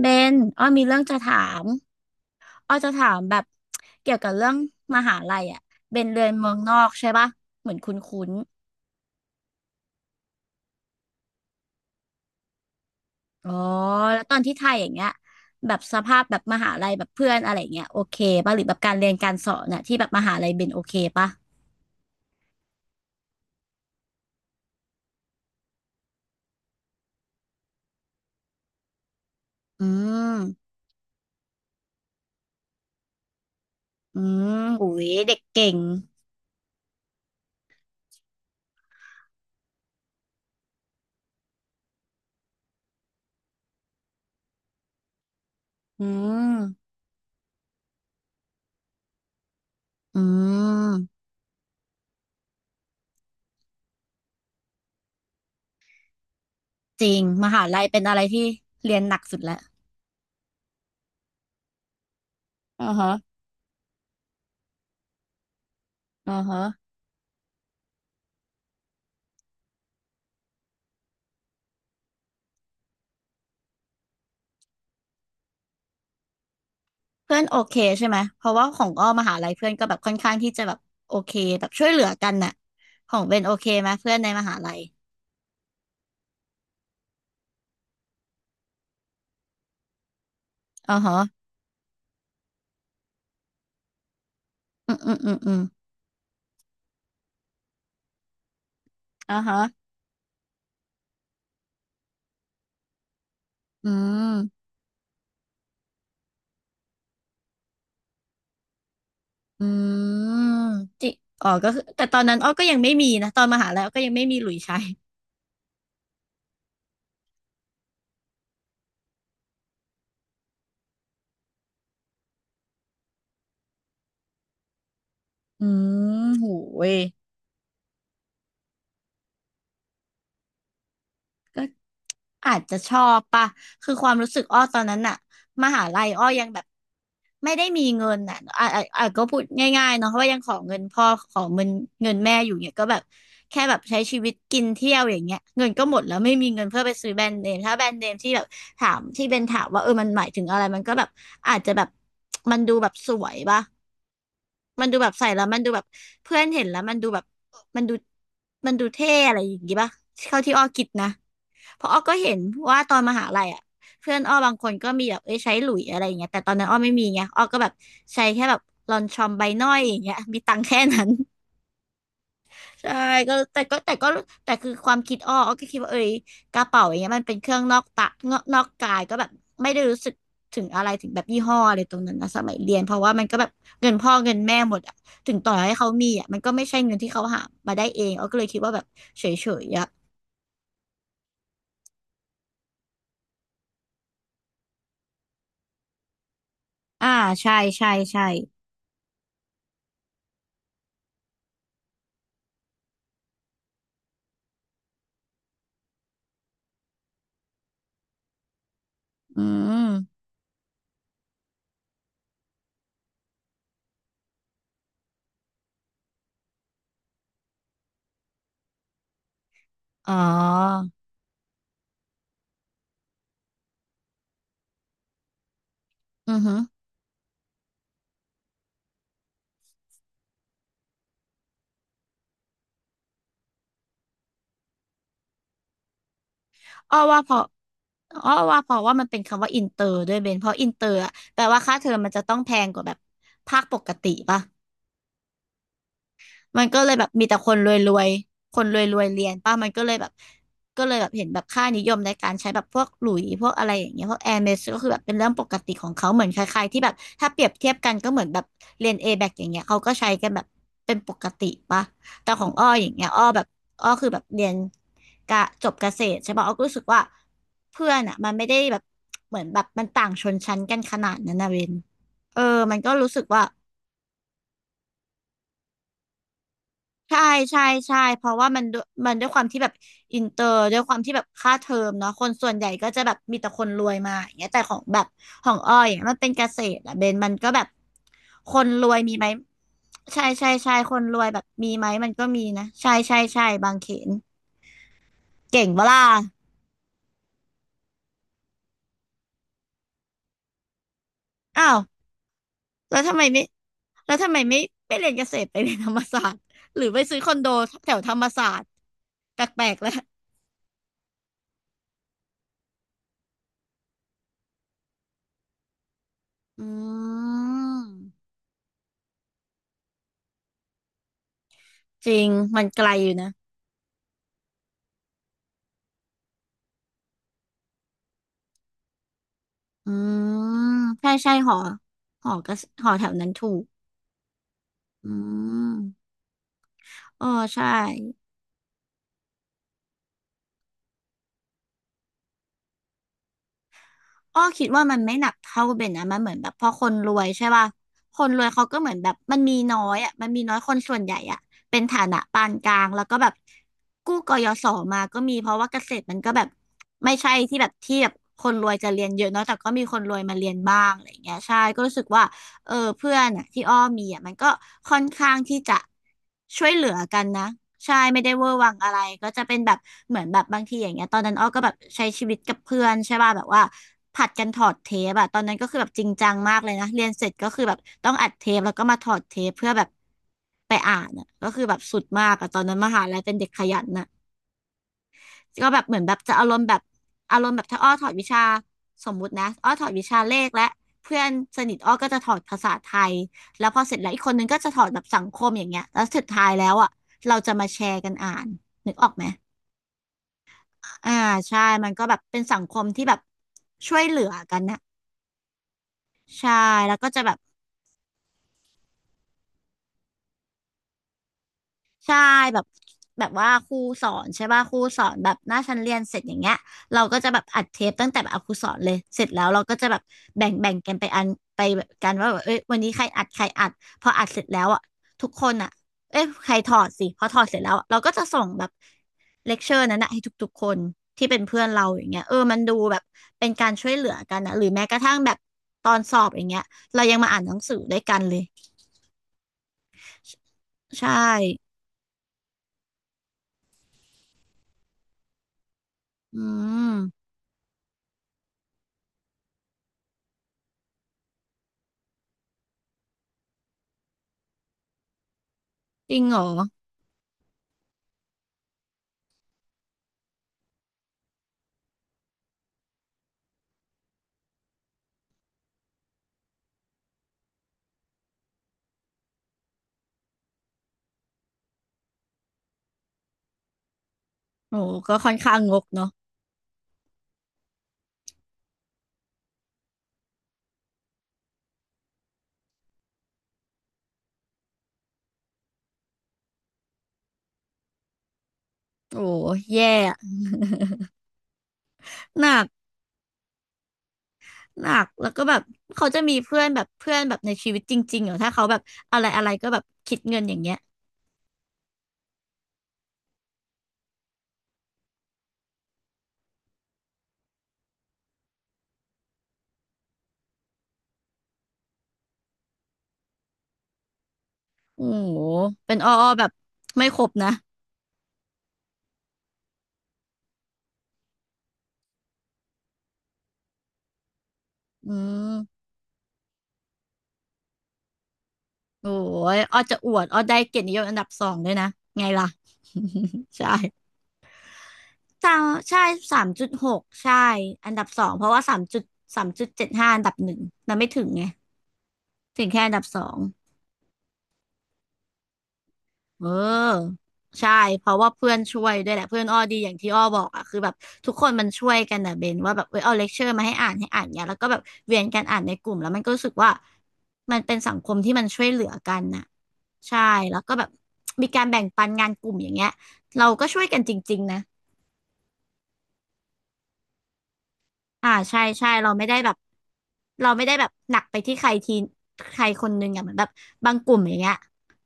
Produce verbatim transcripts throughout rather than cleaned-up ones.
เบนอ้อมีเรื่องจะถามอ้อจะถามแบบเกี่ยวกับเรื่องมหาลัยอ่ะเบนเรียนเมืองนอกใช่ปะเหมือนคุ้นๆอ๋อแล้วตอนที่ไทยอย่างเงี้ยแบบสภาพแบบมหาลัยแบบเพื่อนอะไรอย่างเงี้ยโอเคปะหรือแบบการเรียนการสอนน่ะที่แบบมหาลัยเบนโอเคปะอืมอืมอุ้ยเด็กเก่งอืมอืมจริงมหาลัยเป็นอะไรที่เรียนหนักสุดแล้วอือฮะอือฮะ เพื่อนโอเคใช่ไหม เพราะว่าของอ้อมหาลัยเพื่อนก็แบบค่อนข้างที่จะแบบโอเคแบบช่วยเหลือกันน่ะของเบนโอเคไหมเพื่อนในมหาลัยอ๋อฮะอืมอืมอืมอืมอ๋อฮะอืมอืมจิอ๋อก็คือแต่ตอนนั้นอ้อก็ยังไม่มีนะตอนมหาลัยอ้อก็ยังไม่มีหลุยส์ใช้อืมโหย อาจจะชอบปะคือความรู้สึกอ้อตอนนั้นน่ะมหาลัยอ้อยังแบบไม่ได้มีเงินอะอ่ะอ่ะอ่ะก็พูดง่ายๆเนาะเพราะว่ายังขอเงินพ่อขอเงินเงินแม่อยู่เนี่ยก็แบบแค่แบบใช้ชีวิตกินเที่ยวอย่างเงี้ยเงินก็หมดแล้วไม่มีเงินเพื่อไปซื้อแบรนด์เนมถ้าแบรนด์เนมที่แบบถามที่เบนถามว่าเออมันหมายถึงอะไรมันก็แบบอาจจะแบบมันดูแบบสวยปะ มันดูแบบใส่แล้วมันดูแบบเพื่อนเห็นแล้วมันดูแบบมันดูมันดูเท่อะไรอย่างงี้ป่ะเท่าที่อ้อคิดนะเพราะอ้อก็เห็นว่าตอนมหาลัยอ่ะเพื่อนอ้อบางคนก็มีแบบเอ้ยใช้หลุยอะไรอย่างเงี้ยแต่ตอนนั้นอ้อไม่มีไงอ้อก็แบบใช้แค่แบบลอนชอมใบหน้อยอย่างเงี้ยมีตังค์แค่นั้น ใช่ก็แต่ก็แต่ก็แต่คือความคิดอ้ออ้อก็คิดว่าเอ้ยกระเป๋าอย่างเงี้ยมันเป็นเครื่องนอกตะนอกนอกกายก็แบบไม่ได้รู้สึกถึงอะไรถึงแบบยี่ห้ออะไรตรงนั้นนะสมัยเรียนเพราะว่ามันก็แบบเงินพ่อเงินแม่หมดอะถึงต่อให้เขามีอะมันก็ไม่ใช่เงินที่เขาหามาได้เองอ้อก็เลยคิดว่าแบบเฉยๆอะอ่าใช่ใช่ใช่อืมอ๋ออือหืออ้อว่าพออ้อว่าเพราะว่ามันเป็นคำว่าอินเตอร์ด้วยเบนเพราะอินเตอร์อะแปลว่าค่าเทอมมันจะต้องแพงกว่าแบบภาคปกติป่ะ มันก็เลยแบบมีแต่คนรวยๆคนรวยๆเรียนป่ะมันก็เลยแบบก็เลยแบบเห็นแบบค่านิยมในการใช้แบบพวกหลุยส์พวกอะไรอย่างเงี้ยพวกแอร์เมสก็คือแบบเป็นเรื่องปกติของเขาเหมือนคล้ายๆที่แบบถ้าเปรียบเทียบกันก็เหมือนแบบเรียน เอ แบกอย่างเงี้ยเขาก็ใช้กันแบบเป็นปกติป่ะ แต่ของอ้ออย่างเงี้ยอ้อแบบอ้อคือแบบเรียนกะจบเกษตรใช่ป่ะอ้อก็รู้สึกว่าเพื่อนอ่ะมันไม่ได้แบบเหมือนแบบมันต่างชนชั้นกันขนาดนั้นนะเวนเออมันก็รู้สึกว่า ใช่ใช่ใช่เพราะว่ามันด้วยมันด้วยความที่แบบอินเตอร์ด้วยความที่แบบค่าเทอมเนาะคนส่วนใหญ่ก็จะแบบมีแต่คนรวยมาอย่างเงี้ยแต่ของแบบของอ้อยอย่างเงี้ยมันเป็นเกษตรอะเบนมันก็แบบคนรวยมีไหมใช่ใช่ใช่คนรวยแบบมีไหมมันก็มีนะใช่ใช่ใช่บางเขนเก่งเวล่าอ้าวแล้วทำไมไม่แล้วทำไมไม่ไปเรียนเกษตรไปเรียนธรรมศาสตร์หรือไปซื้อคอนโดแถวธรรมศาสตร์แปลกๆแล้วอืมจริงมันไกลอยู่นะ อืมใช่ใช่หอหอกระหอแถวนั้นถูกอืมเออใช่อ้อคิดว่ามันไม่หนักเท่าเบนนะมันเหมือนแบบพอคนรวยใช่ป่ะคนรวยเขาก็เหมือนแบบมันมีน้อยอ่ะมันมีน้อยคนส่วนใหญ่อ่ะเป็นฐานะปานกลางแล้วก็แบบกู้กยศมาก็มีเพราะว่าเกษตรมันก็แบบไม่ใช่ที่แบบที่แบบคนรวยจะเรียนเยอะเนาะแต่ก็มีคนรวยมาเรียนบ้างอะไรอย่างเงี้ยใช่ก็รู้สึกว่า เออเพื่อนอ่ะที่อ้อมีอ่ะมันก็ค่อนข้างที่จะช่วยเหลือกันนะใช่ไม่ได้เวอร์วังอะไรก็จะเป็นแบบเหมือนแบบบางทีอย่างเงี้ยตอนนั้นอ้อก็แบบใช้ชีวิตกับเพื่อนใช่ป่ะแบบว่าผัดกันถอดเทปอะตอนนั้นก็คือแบบจริงจังมากเลยนะเรียนเสร็จก็คือแบบต้องอัดเทปแล้วก็มาถอดเทปเพื่อแบบไปอ่านอะก็คือแบบสุดมากอะตอนนั้นมหาลัยเป็นเด็กขยันอะ ก็แบบเหมือนแบบจะอารมณ์แบบอารมณ์แบบถ้าอ้อถอดวิชาสมมุตินะอ้อถอดวิชาเลขและเพื่อนสนิทอ้อก็จะถอดภาษาไทยแล้วพอเสร็จแล้วอีกคนนึงก็จะถอดแบบสังคมอย่างเงี้ยแล้วสุดท้ายแล้วอ่ะเราจะมาแชร์กันอ่านนึกออกไหมอ่าใช่มันก็แบบเป็นสังคมที่แบบช่วยเหลือกันนะใช่แล้วก็จะแบบ ใช่แบบแบบว่าครูสอนใช่ป่ะครูสอนแบบหน้าชั้นเรียนเสร็จอย่างเงี้ยเราก็จะแบบอัดเทปตั้งแต่แบบเอาครูสอนเลยเสร็จแล้วเราก็จะแบบแบ่งแบ่งกันไปอันไปแบบกันว่าแบบเอ้ยวันนี้ใครอัดใครอัดพออัดเสร็จแล้วอ่ะทุกคนอ่ะเอ้ยใครถอดสิพอถอดเสร็จแล้วอะเราก็จะส่งแบบเลคเชอร์นั้นนะให้ทุกๆคนที่เป็นเพื่อนเราอย่างเงี้ยเออมันดูแบบเป็นการช่วยเหลือกันนะหรือแม้กระทั่งแบบตอนสอบอย่างเงี้ยเรายังมาอ่านหนังสือด้วยกันเลยใช่อืมจริงเหรอ โอ้ก็ค่อนข้างงกเนาะโอ้แย่อะหนักหนักแล้วก็แบบเขาจะมีเพื่อนแบบเพื่อนแบบในชีวิตจริงๆเหรอถ้าเขาแบบอะไรอะไรก็แบบคิดเงินอย่างเงี้ยโอ้โหเป็นอ้ออ้อแบบไม่ครบนะอืมโอ้ยอ้อจะอวดอ้อได้เกียรตินิยมอันดับสองด้วยนะไงล่ะ ใช่ใช่ใช่สามจุดหกใช่อันดับสองเพราะว่าสามจุดสามจุดเจ็ดห้าอันดับหนึ่งมันไม่ถึงไงถึงแค่อันดับสอง เออใช่เพราะว่าเพื่อนช่วยด้วยแหละเพื่อนอ้อดีอย่างที่อ้อบอกอ่ะคือแบบทุกคนมันช่วยกันนะเบนว่าแบบเออเอาเลคเชอร์มาให้อ่านให้อ่านเนี้ยแล้วก็แบบเวียนกันอ่านในกลุ่มแล้วมันก็รู้สึกว่ามันเป็นสังคมที่มันช่วยเหลือกันน่ะใช่แล้วก็แบบมีการแบ่งปันงานกลุ่มอย่างเงี้ยเราก็ช่วยกันจริงๆนะ อ่าใช่ใช่เราไม่ได้แบบเราไม่ได้แบบหนักไปที่ใครทีใครคนนึงอ่ะเหมือนแบบบางกลุ่มอย่างเงี้ย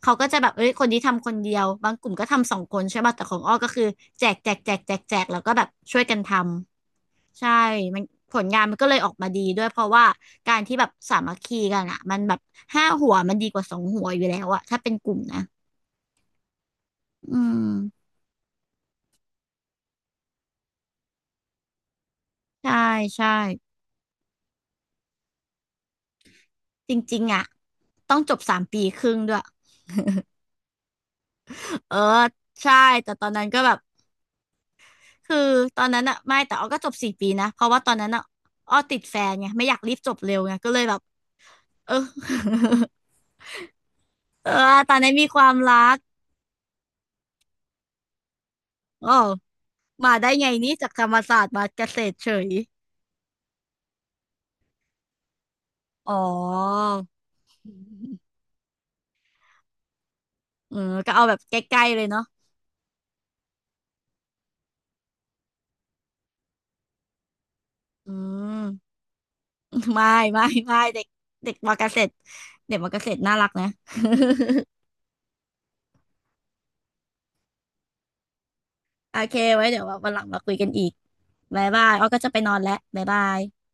เขาก็จะแบบเอ้ยคนนี้ทำคนเดียวบางกลุ่มก็ทำสองคนใช่ป่ะแต่ของอ้อก็คือแจกแจกแจกแจกแจกแล้วก็แบบช่วยกันทำใช่มันผลงานมันก็เลยออกมาดีด้วยเพราะว่าการที่แบบสามัคคีกันอ่ะมันแบบห้าหัวมันดีกว่าสองหัวอยู่แล้วอ่ะถ้าเป็นกลุ่มนะอืมใช่ใช่จริงๆอ่ะต้องจบสามปีครึ่งด้วย เออใช่แต่ตอนนั้นก็แบบ คือตอนนั้นอะไม่แต่อ้อก็จบสี่ปีนะเพราะว่าตอนนั้นอะอ้อติดแฟนไงไม่อยากรีบจบเร็วไงก็เลยแบบเออ เออตอนนั้นมีความรักอ๋อมาได้ไงนี่จากธรรมศาสตร์มาเกษตรเฉยอ๋อเออก็เอาแบบใกล้ๆเลยเนาะอืม ไม่ไม่ไม่เด็กเด็กมอเกษตรเด็กมอเกษตรน่ารักนะ โอเคไว้เดี๋ยววันหลังมาคุยกันอีกบ๊ายบายอ้อก็จะไปนอนแล้วบ๊ายบาย